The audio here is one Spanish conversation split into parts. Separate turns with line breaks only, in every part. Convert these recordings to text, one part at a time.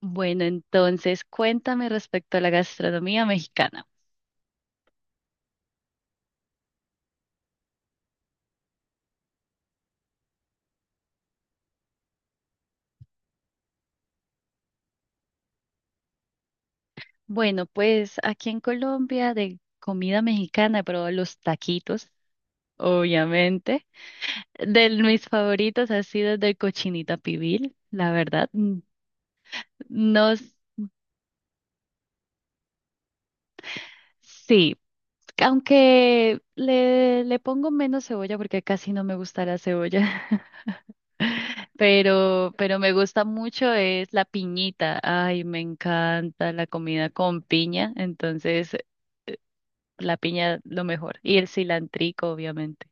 Bueno, entonces cuéntame respecto a la gastronomía mexicana. Bueno, pues aquí en Colombia de comida mexicana he probado los taquitos, obviamente. De mis favoritos ha sido el de cochinita pibil, la verdad. Mm, no, sí, aunque le pongo menos cebolla porque casi no me gusta la cebolla, pero me gusta mucho es la piñita. Ay, me encanta la comida con piña, entonces la piña lo mejor. Y el cilantrico, obviamente.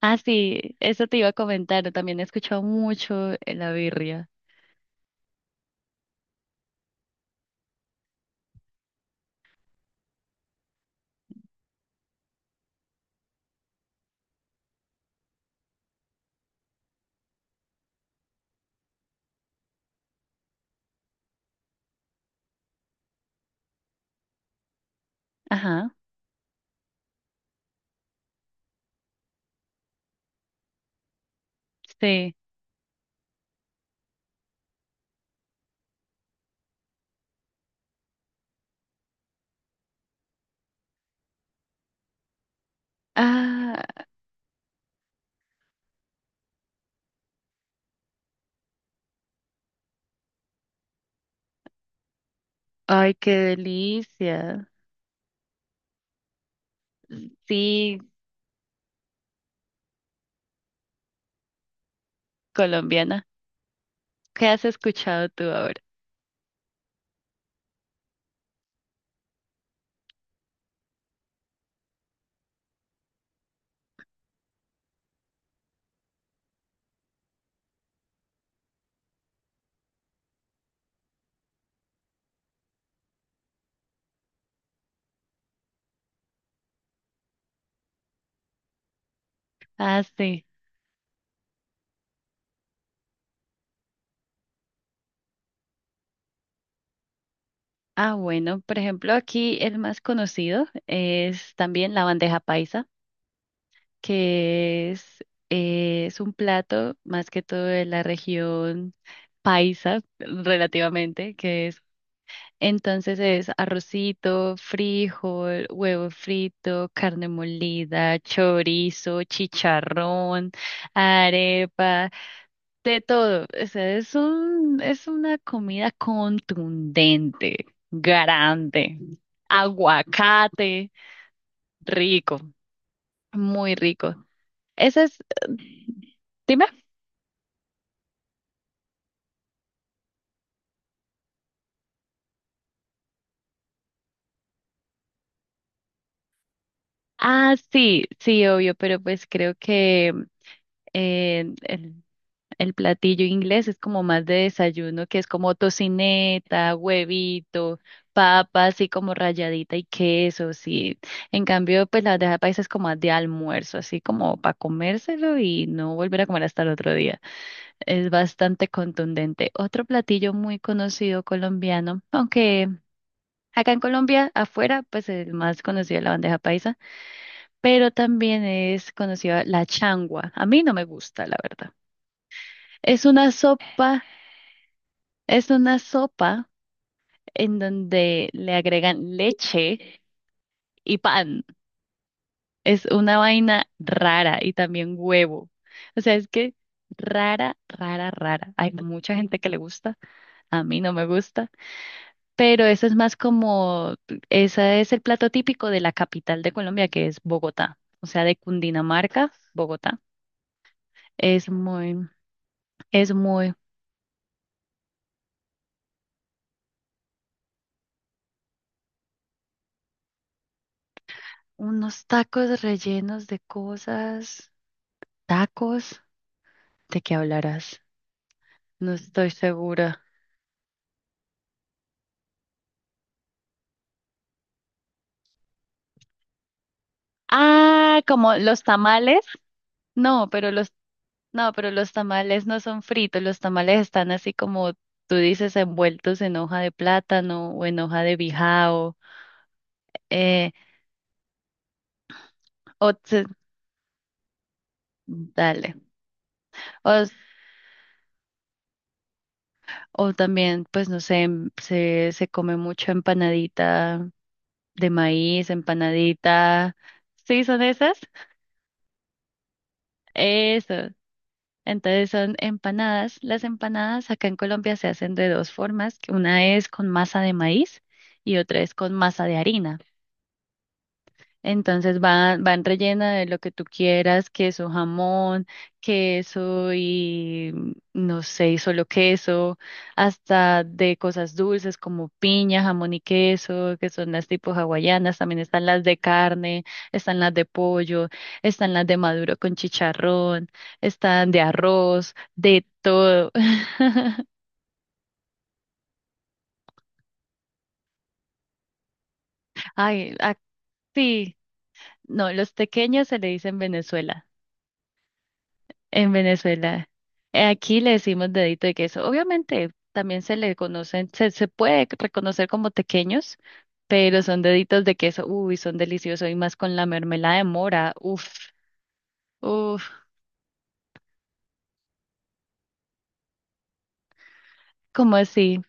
Ah, sí, eso te iba a comentar. También he escuchado mucho la birria. Ajá, sí. Ah, ay, qué delicia. Sí, colombiana. ¿Qué has escuchado tú ahora? Ah, sí. Ah, bueno, por ejemplo, aquí el más conocido es también la bandeja paisa, que es un plato más que todo de la región paisa, relativamente, que es entonces es arrocito, frijol, huevo frito, carne molida, chorizo, chicharrón, arepa, de todo. O sea, es una comida contundente, grande, aguacate, rico, muy rico. Esa es, dime. Ah, sí, sí, obvio, pero pues creo que eh, el, el platillo inglés es como más de desayuno, que es como tocineta, huevito, papa, así como rayadita y queso, sí. En cambio, pues la bandeja paisa es como más de almuerzo, así como para comérselo y no volver a comer hasta el otro día. Es bastante contundente. Otro platillo muy conocido colombiano, aunque acá en Colombia, afuera, pues el más conocido es la bandeja paisa, pero también es conocida la changua. A mí no me gusta, la verdad. Es una sopa, es una sopa en donde le agregan leche y pan. Es una vaina rara y también huevo. O sea, es que rara, rara, rara. Hay mucha gente que le gusta, a mí no me gusta, pero eso es más como, ese es el plato típico de la capital de Colombia, que es Bogotá. O sea, de Cundinamarca, Bogotá. Es muy, es muy, unos tacos rellenos de cosas, tacos. ¿De qué hablarás? No estoy segura. Ah, como los tamales. No, pero los, no, pero los tamales no son fritos. Los tamales están así como tú dices, envueltos en hoja de plátano o en hoja de bijao. Eh, o se- dale. O, o también, pues no sé, se come mucho empanadita de maíz, empanadita. ¿Sí son esas? Eso. Entonces son empanadas. Las empanadas acá en Colombia se hacen de dos formas. Una es con masa de maíz y otra es con masa de harina. Entonces van, van rellena de lo que tú quieras, queso, jamón, queso y mm, no sé, y solo queso, hasta de cosas dulces como piña, jamón y queso, que son las tipo hawaianas, también están las de carne, están las de pollo, están las de maduro con chicharrón, están de arroz, de todo. Ay, sí, no, los tequeños se le dicen Venezuela. En Venezuela, aquí le decimos dedito de queso. Obviamente también se le conocen, se puede reconocer como tequeños, pero son deditos de queso. Uy, son deliciosos y más con la mermelada de mora. Uf, uf, ¿cómo así?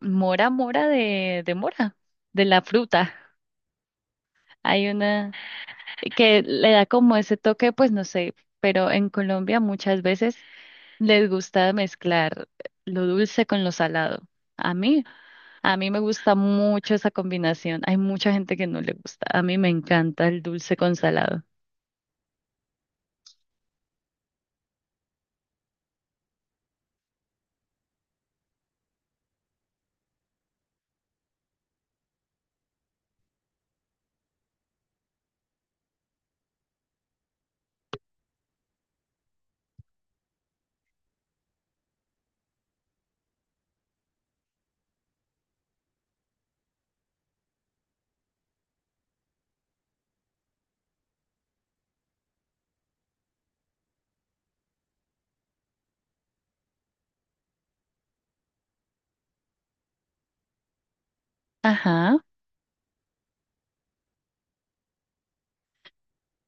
Mora, mora de mora, de la fruta. Hay una que le da como ese toque, pues no sé, pero en Colombia muchas veces les gusta mezclar lo dulce con lo salado. A mí. A mí me gusta mucho esa combinación. Hay mucha gente que no le gusta. A mí me encanta el dulce con salado. Ajá.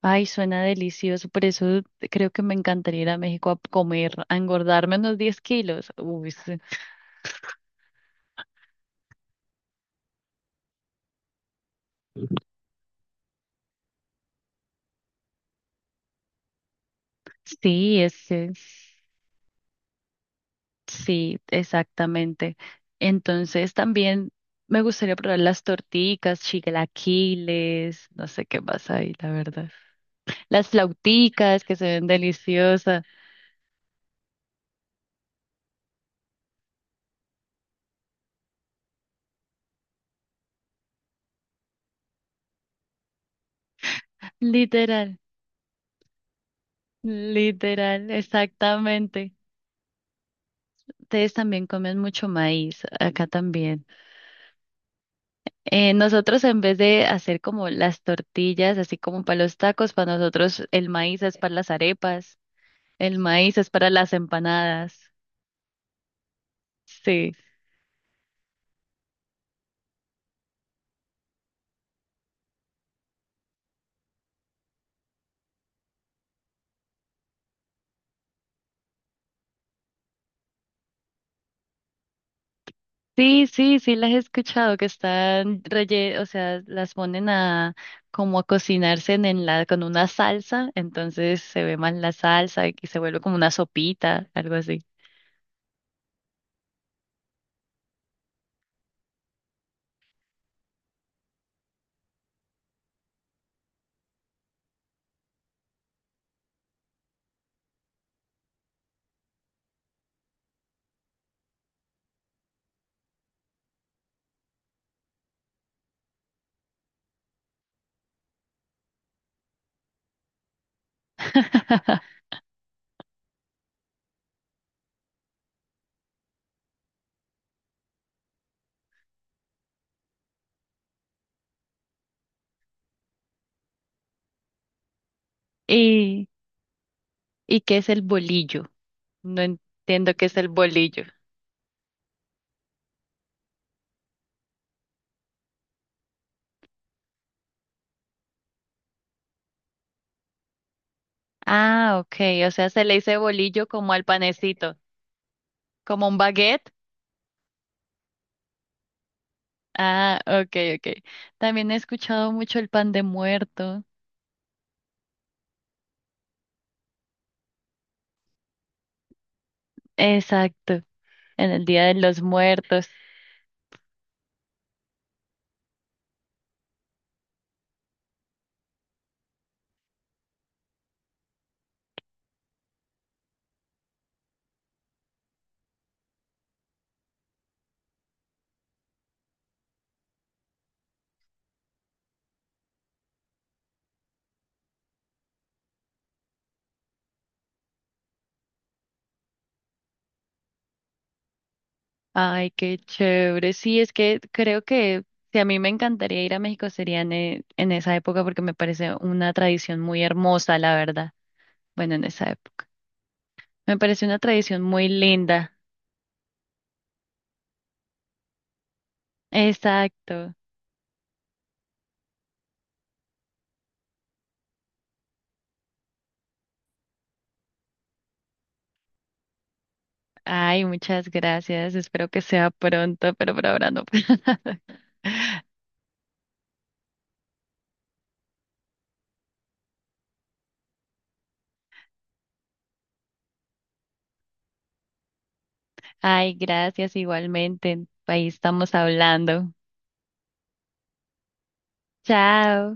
Ay, suena delicioso. Por eso creo que me encantaría ir a México a comer, a engordarme unos 10 kilos. Uy, sí, sí, sí, exactamente. Entonces también me gustaría probar las torticas, chilaquiles, no sé qué pasa ahí, la verdad. Las flauticas que se ven deliciosas. Literal. Literal, exactamente. Ustedes también comen mucho maíz, acá también. Nosotros en vez de hacer como las tortillas, así como para los tacos, para nosotros el maíz es para las arepas, el maíz es para las empanadas. Sí, sí, sí, sí, las he escuchado que están o sea, las ponen a como a cocinarse en la con una salsa, entonces se ve más la salsa y que se vuelve como una sopita, algo así. Y ¿y qué es el bolillo? No entiendo qué es el bolillo. Ah, ok, o sea, se le dice bolillo como al panecito, como un baguette. Ah, ok, ok. También he escuchado mucho el pan de muerto. Exacto, en el Día de los Muertos. Ay, qué chévere. Sí, es que creo que si a mí me encantaría ir a México sería en, en esa época porque me parece una tradición muy hermosa, la verdad. Bueno, en esa época. Me parece una tradición muy linda. Exacto. Ay, muchas gracias. Espero que sea pronto, pero por ahora no. Ay, gracias igualmente. Ahí estamos hablando. Chao.